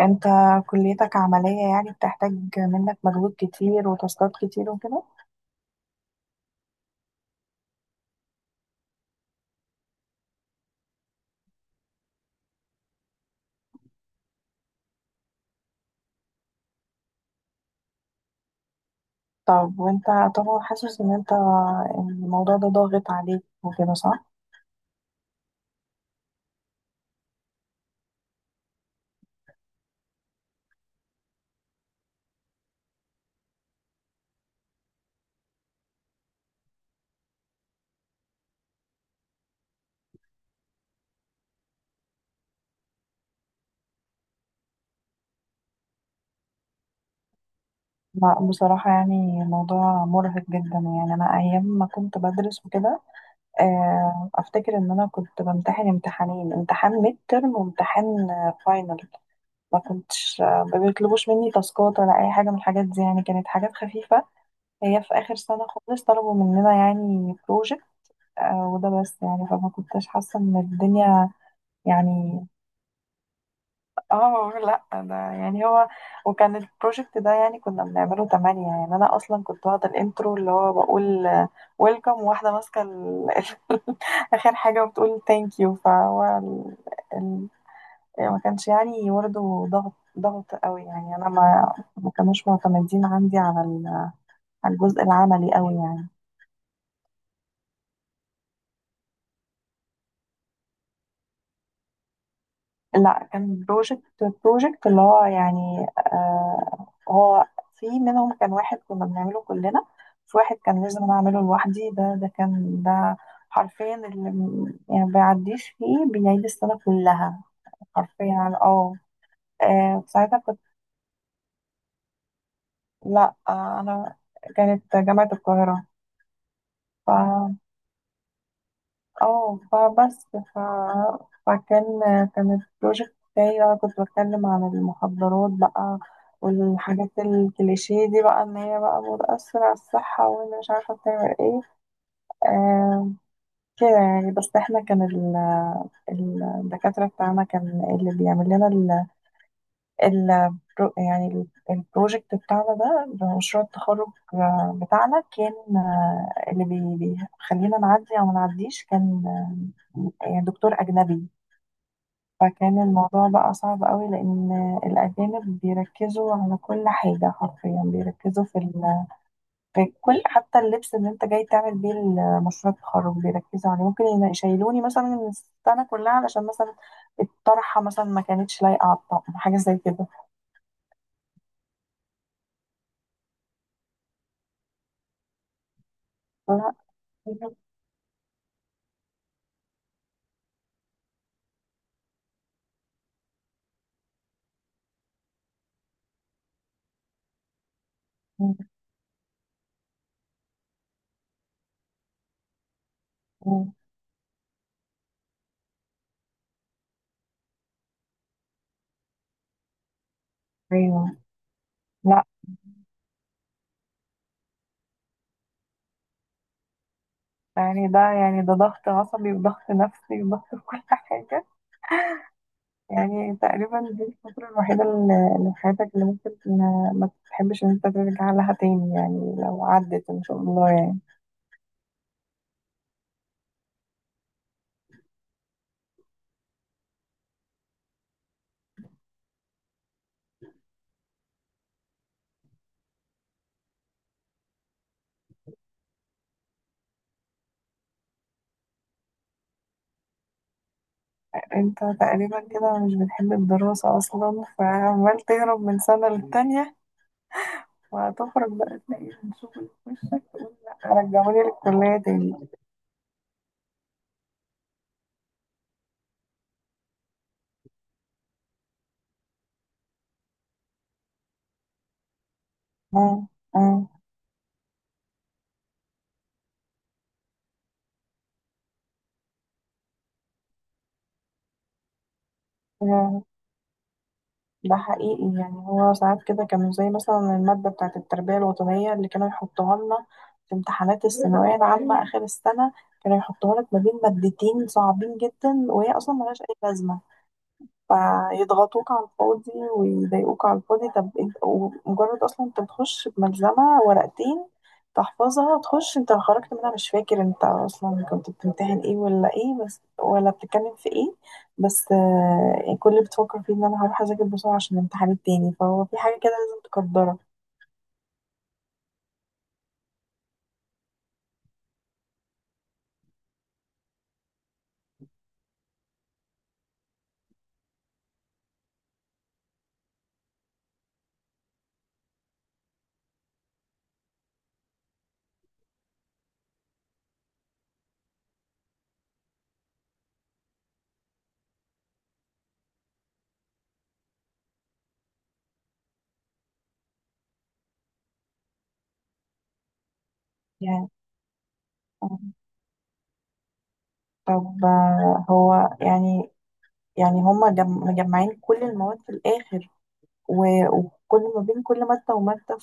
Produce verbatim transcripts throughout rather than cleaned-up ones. انت، كليتك عملية يعني بتحتاج منك مجهود كتير وتاسكات كتير وكده. طب وانت طبعا حاسس ان انت الموضوع ده ضاغط عليك وكده صح؟ لا، بصراحة يعني الموضوع مرهق جدا. يعني أنا أيام ما كنت بدرس وكده، آه، أفتكر إن أنا كنت بمتحن امتحانين، امتحان ميد ترم وامتحان فاينل. ما كنتش آه، ما بيطلبوش مني تاسكات ولا أي حاجة من الحاجات دي، يعني كانت حاجات خفيفة. هي في آخر سنة خالص طلبوا مننا يعني بروجكت. آه، وده بس، يعني فما كنتش حاسة ان الدنيا يعني. اه لا، ده يعني هو، وكان البروجكت ده يعني كنا بنعمله تمانية. يعني انا اصلا كنت واخدة الانترو، اللي هو بقول ويلكم، واحدة ماسكة ال- اخر حاجة وبتقول ثانك يو، فهو ال... ال... يعني ما كانش يعني برضه ضغط، ضغط قوي. يعني انا ما ما كانوش معتمدين عندي على ال-، على الجزء العملي قوي يعني. لا، كان بروجكت بروجكت اللي هو يعني آه هو، في منهم كان واحد كنا بنعمله كلنا، في واحد كان لازم أنا أعمله لوحدي. ده ده كان ده حرفيا، اللي م- يعني بيعديش فيه بيعيد السنة كلها حرفيا. اه آه، ساعتها كنت. لا آه أنا كانت جامعة القاهرة. ف اه فبس ف... فكان كان البروجكت بتاعي بقى، كنت بتكلم عن المخدرات بقى والحاجات الكليشيه دي، بقى ان هي بقى بتأثر على الصحة وان مش عارفة بتعمل ايه. آه كده يعني. بس احنا كان ال... الدكاترة بتاعنا كان اللي بيعمل لنا ال يعني ال- البروجكت بتاعنا ده، مشروع التخرج بتاعنا، كان آه، اللي بي- بيخلينا نعدي او ما نعديش، كان يعني دكتور أجنبي. فكان الموضوع بقى صعب قوي لأن الأجانب بيركزوا على كل حاجة، حرفيا بيركزوا في, ال... في كل، حتى اللبس اللي أنت جاي تعمل بيه مشروع التخرج بيركزوا عليه. ممكن ين- يشيلوني مثلا من السنة كلها علشان مثلا الطرحة مثلا ما كانتش لايقة على الطقم، حاجة زي كده. لا. مم. مم. ايوه. لا، يعني ده يعني ده ضغط عصبي وضغط نفسي وضغط في كل حاجه. يعني تقريبا دي الفتره الوحيده اللي اللي في حياتك اللي ممكن ما ما تحبش ان انت ترجع لها تاني، يعني لو عدت ان شاء الله يعني. انت تقريبا كده مش بتحب الدراسه اصلا، فعمال تهرب من سنه للتانيه، وهتخرج بقى تلاقي رجعوني للكليه تاني. مم. مم. ده حقيقي. يعني هو ساعات كده كانوا زي مثلا المادة بتاعة التربية الوطنية، اللي كانوا يحطوها لنا في امتحانات الثانوية العامة آخر السنة. كانوا يحطوها لك ما بين مادتين صعبين جدا وهي أصلا ملهاش أي لازمة، فيضغطوك على الفاضي ويضايقوك على الفاضي. طب انت مجرد اصلا انت بتخش بملزمة ورقتين، تحفظها تخش، انت خرجت منها مش فاكر انت اصلا كنت بتمتحن ايه ولا ايه بس، ولا بتتكلم في ايه. بس آه، يعني كل اللي بتفكر فيه ان انا هروح اذاكر بسرعة عشان الامتحان التاني، فهو في حاجة كده لازم تقدرها يعني. آه، طب آه، هو يعني يعني هما جم- مجمعين كل المواد في الآخر، و- وكل ما بين كل مادة ومادة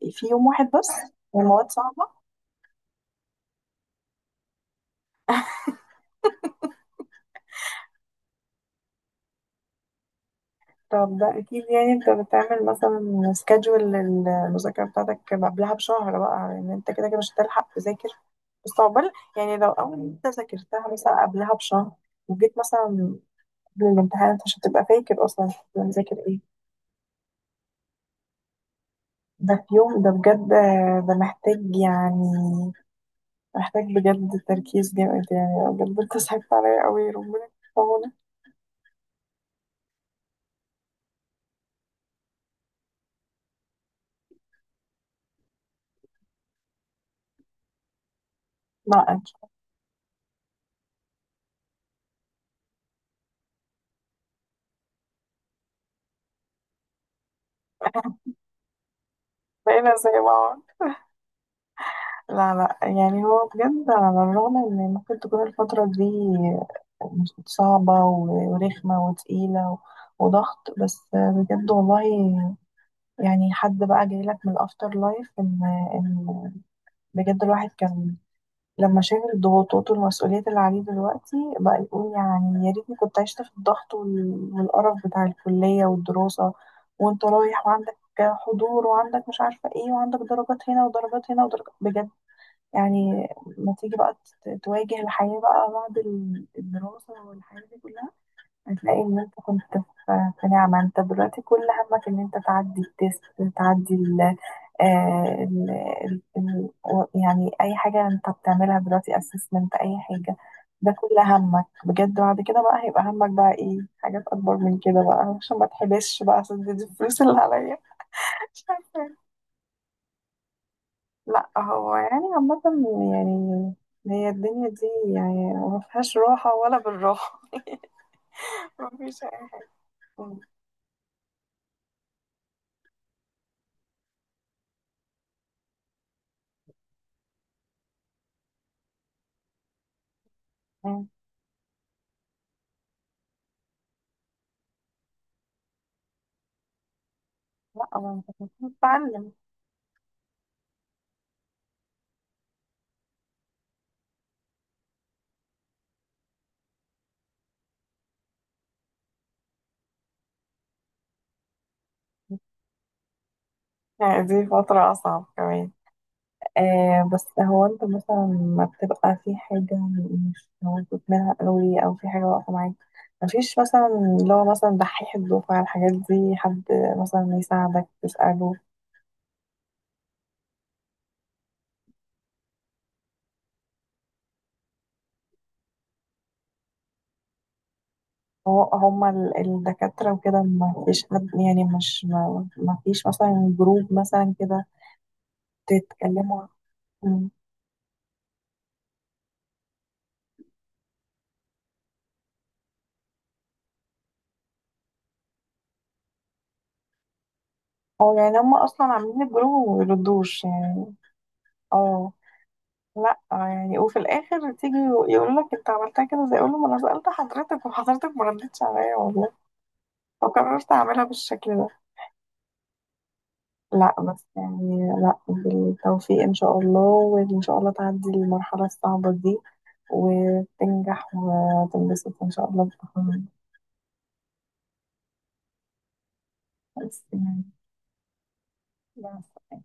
في في يوم واحد بس، والمواد صعبة. طب ده أكيد، يعني أنت بتعمل مثلا سكادجول للمذاكرة بتاعتك قبلها بشهر بقى، إن أنت كده كده مش هتلحق تذاكر. بس عقبال، يعني لو أول أنت ذاكرتها مثلا قبلها بشهر، وجيت مثلا قبل الامتحان، أنت مش هتبقى فاكر أصلا كنت مذاكر إيه. ده في يوم، ده بجد، ده محتاج يعني محتاج بجد تركيز جامد. يعني بجد أنت صعبت عليا أوي، ربنا يكون في عونك. لا، بقينا زي بعض. لا، لا، يعني هو بجد على الرغم ان ممكن تكون الفترة دي صعبة و- ورخمة وتقيلة و- وضغط، بس بجد والله. يعني حد بقى جاي لك من الافتر لايف ان ان بجد الواحد كان لما شاف الضغوطات والمسؤوليات اللي عليه دلوقتي بقى، يقول يعني يا ريتني كنت عشت في الضغط وال- والقرف بتاع الكلية والدراسة، وانت رايح وعندك حضور وعندك مش عارفة ايه وعندك درجات هنا ودرجات هنا ودرجات بجد. يعني ما تيجي بقى ت- تواجه الحياة بقى بعد ال- الدراسة والحياة دي كلها، هتلاقي إن أنت كنت في في نعمة. أنت دلوقتي كل همك إن أنت تعدي التيست، تعدي ال آه، ال ال- ال- و- يعني أي حاجة أنت بتعملها دلوقتي أسسمنت، أي حاجة ده كل همك بجد. بعد كده بقى هيبقى همك بقى إيه، حاجات أكبر من كده بقى، عشان ما تحبسش بقى، عشان دي دي الفلوس اللي عليا. لا، هو يعني عامة، يعني هي الدنيا دي، يعني ما فيهاش راحة ولا بالراحة. ما فيش أي حاجة م-. لا، ما أنت المفروض تتعلم. يعني دي فترة أصعب كمان. آه، بس هو أنت مثلا ما بتبقى في حاجة مش موجود منها قوي، أو في حاجة واقفة معاك، مفيش مثلا اللي هو مثلا دحيح الدفعة، الحاجات دي حد مثلا يساعدك تسأله. هو هما ال- الدكاترة وكده ما فيش حد، يعني مش ما, ما فيش مثلا جروب مثلا كده تتكلموا. مم. اه، يعني هما أصلا عاملين الجروب وما بيردوش يعني. اه، لا يعني. وفي الآخر تيجي يقول لك أنت عملتها كده، زي أقول له ما أنا سألت حضرتك وحضرتك ما ردتش عليا والله، فقررت أعملها بالشكل ده. لا بس يعني، لا، بالتوفيق إن شاء الله، وإن شاء الله تعدي المرحلة الصعبة دي وتنجح وتنبسط إن شاء الله بالتخرج. خلاص تمام. مع السلامة.